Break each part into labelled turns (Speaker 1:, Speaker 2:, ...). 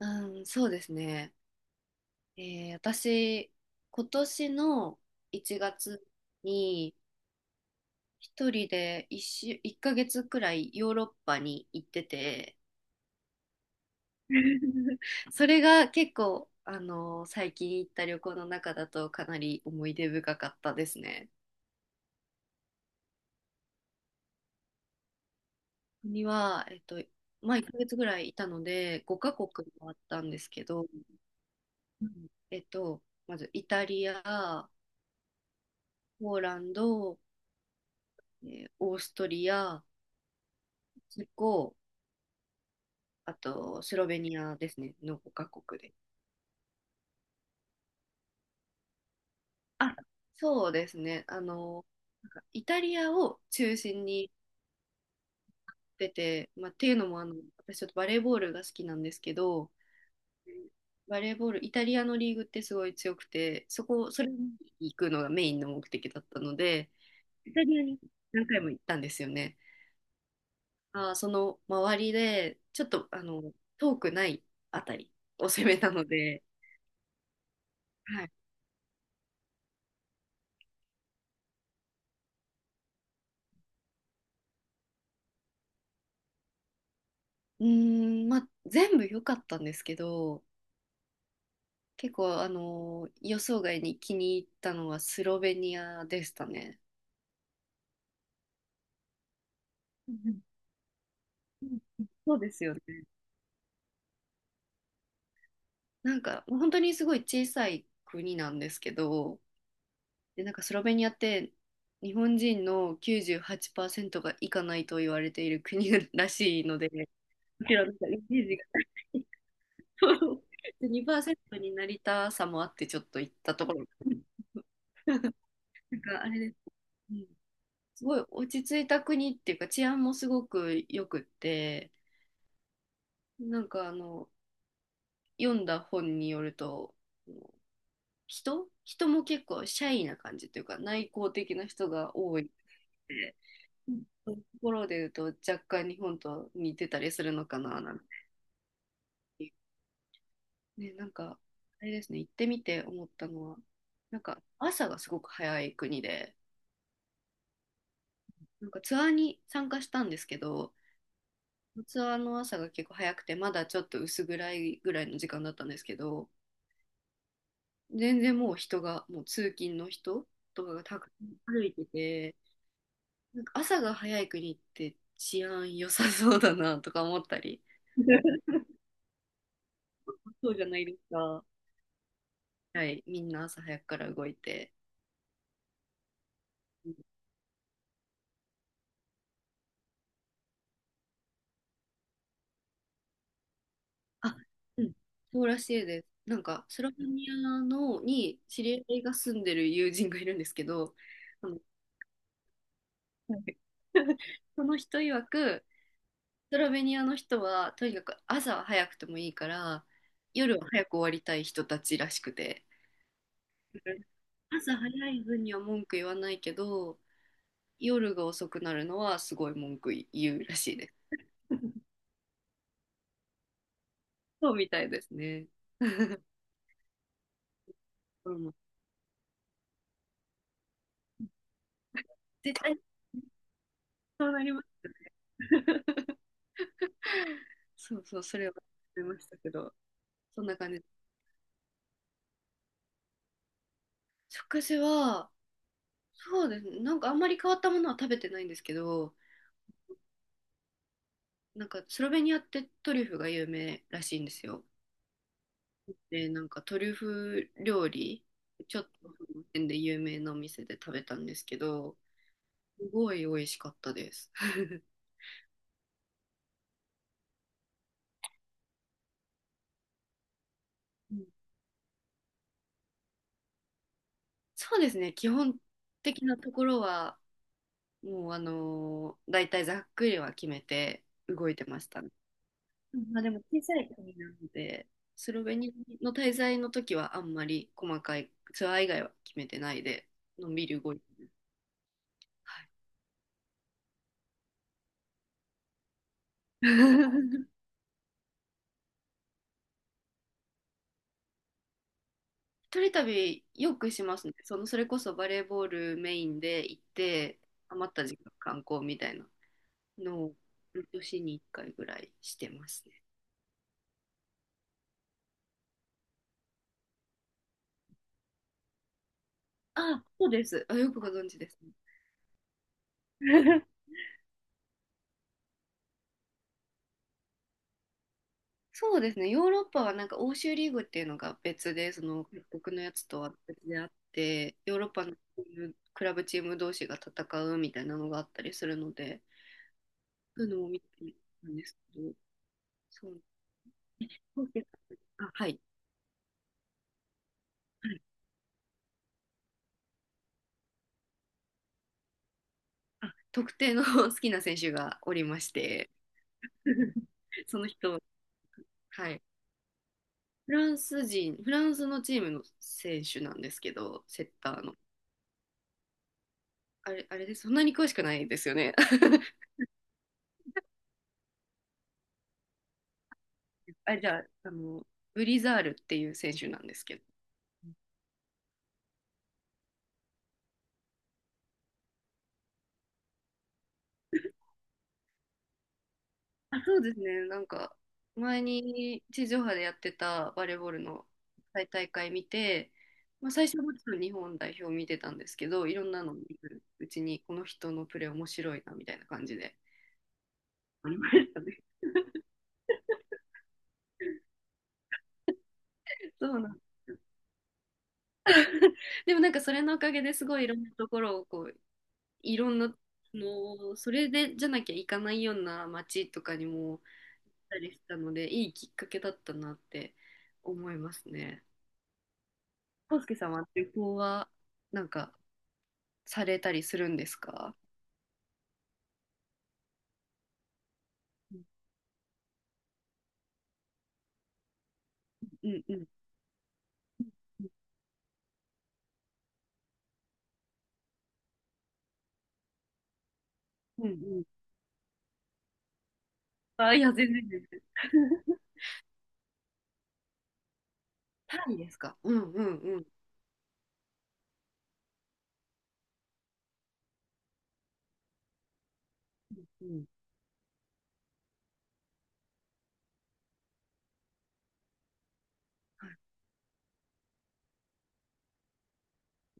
Speaker 1: うん、そうですね。私、今年の1月に一人で1ヶ月くらいヨーロッパに行ってて、それが結構、最近行った旅行の中だとかなり思い出深かったですね。には、まあ1ヶ月ぐらいいたので、5カ国もあったんですけど、うん、まずイタリア、ポーランド、オーストリア、チェコ、あとスロベニアですね、の5カ国で。あ、そうですね、なんかイタリアを中心に行ってて、まあ、っていうのも私ちょっとバレーボールが好きなんですけど、バレーボール、イタリアのリーグってすごい強くて、それに行くのがメインの目的だったので、イタリアに何回も行ったんですよね。あー、その周りで、ちょっと遠くないあたりを攻めたので、はい。うーん、まあ、全部良かったんですけど、結構、予想外に気に入ったのはスロベニアでしたね。うん、うん、そうですよね。なんか、もう本当にすごい小さい国なんですけど、で、なんかスロベニアって日本人の98%が行かないと言われている国 らしいので、こちらなんかイメージがない。2%にパーセントになりたさもあってちょっと行ったところ。なんかあれです。うん。すごい落ち着いた国っていうか治安もすごく良くって、なんか読んだ本によると人人も結構シャイな感じというか内向的な人が多いって、うん、そういうところで言うと若干日本と似てたりするのかななんて、ね、なんかあれですね、行ってみて思ったのはなんか朝がすごく早い国で、なんかツアーに参加したんですけどツアーの朝が結構早くて、まだちょっと薄暗いぐらいの時間だったんですけど、全然もう人が、もう通勤の人とかがたくさん歩いてて、なんか朝が早い国って治安良さそうだなとか思ったり、そうじゃないですか。はい、みんな朝早くから動いて。うん。あ、うん、そうらしいです。なんか、スロベニアのに知り合いが住んでる友人がいるんですけど、あのはい、 その人曰く、スロベニアの人はとにかく朝は早くてもいいから夜は早く終わりたい人たちらしくて、うん、朝早い分には文句言わないけど夜が遅くなるのはすごい文句言うらしいです。そうみたいですね。うん、絶対そうなります。そうそう、それは思いましたけど、そんな感じです。食事は、そうですね、なんかあんまり変わったものは食べてないんですけど、なんかスロベニアってトリュフが有名らしいんですよ。で、なんかトリュフ料理、ちょっとその辺で有名なお店で食べたんですけど、すごい美味しかったです。うん、そうですね、基本的なところは、もう大体ざっくりは決めて動いてましたね。うん、まあでも小さい国なので、スロベニアの滞在の時はあんまり細かいツアー以外は決めてないで、のんびり動いてる。はい。 一人旅よくしますね。その、それこそバレーボールメインで行って、余った時間観光みたいなのを、年に1回ぐらいしてますね。あ、そうです。あ、よくご存知ですね。そうですね。ヨーロッパはなんか欧州リーグっていうのが別で、その各国のやつとは別であって、ヨーロッパのクラブチーム同士が戦うみたいなのがあったりするので、そういうのも見てるんですけど、そう。あ、はい。あ、特定の 好きな選手がおりまして、その人、はい、フランス人、フランスのチームの選手なんですけど、セッターの。あれです、そんなに詳しくないですよね。あれじゃあ、ブリザールっていう選手なんですけど。あ、そうですね、なんか、前に地上波でやってたバレーボールの大会見て、まあ、最初はもちろん日本代表見てたんですけど、いろんなの見るうちに、この人のプレー面白いなみたいな感じで。ありましたね。そうなんでもなんかそれのおかげですごいいろんなところをこういろんなのそれでじゃなきゃ行かないような街とかにも行ったりしたのでいいきっかけだったなって思いますね。康介さんは旅行はなんかされたりするんですか？うん、うん、うん、うん。あ、いや、全然全然。タイですか？うん、うん、うん、うん、うん。はい、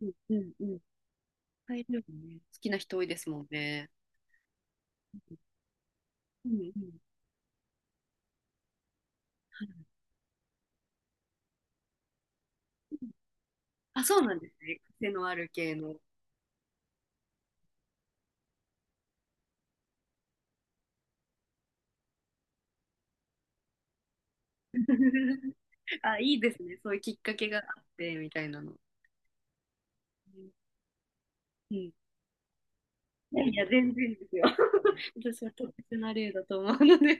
Speaker 1: うん、うん、うん。タイ料理ね、好きな人多いですもんね。うん、うん、あ、そうなんですね。癖のある系の。あ、いいですね。そういうきっかけがあって、みたいなの。うん、うん。いやいや、全然ですよ。私は特別な例だと思うので。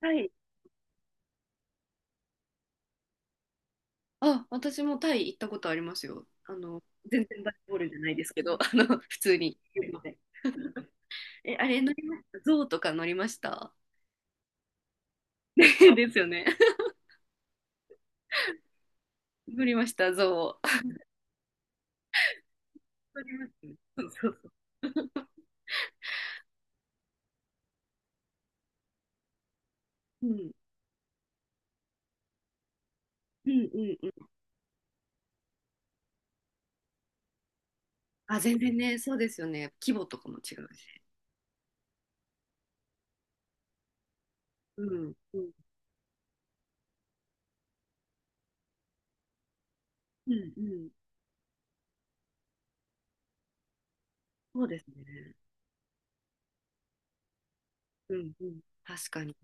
Speaker 1: はい。あ、私もタイ行ったことありますよ。全然バレボールじゃないですけど、普通に。え、あれ乗りました？象とか乗りました？ ですよね。乗りました、象。乗りましたね。そうそうそう。うん。うん、うん、うん。あ、全然ね、そうですよね。規模とかも違うし。うん、うん、うん、うん、そうですね。うん、うん、確かに。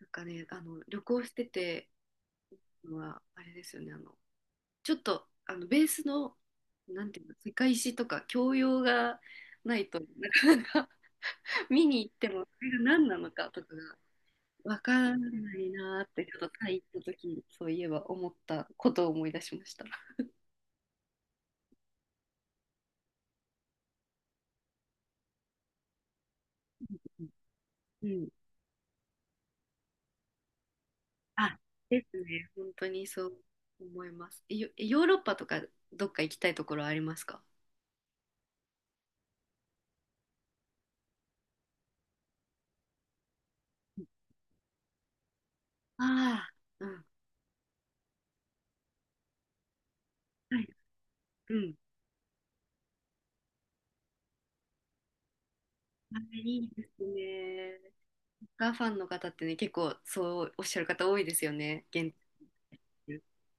Speaker 1: なんかね、旅行しててのはあれですよね。ちょっとベースの、なんていうの、世界史とか教養がないとなかなか 見に行ってもこれが何なのかとかがわからないなーって、ちょっとタイ行った時そういえば思ったことを思い出しました。うん、うん、あ、ですね。本当にそう思います。ヨーロッパとかどっか行きたいところありますか？ああ、うん。はい。うん。あ、いいですね。サッカーファンの方ってね、結構そうおっしゃる方多いですよね。現地。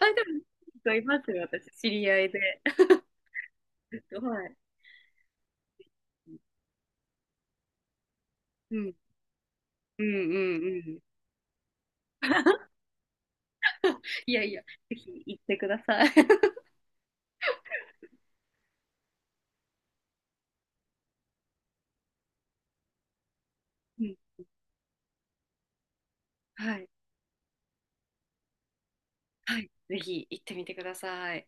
Speaker 1: あ、でも、結構いますよ、私、知り合いで。はい。うん。うん、うん、うん。いやいや、ぜひ行ってください。うん。はい。はい。ぜひ行ってみてください。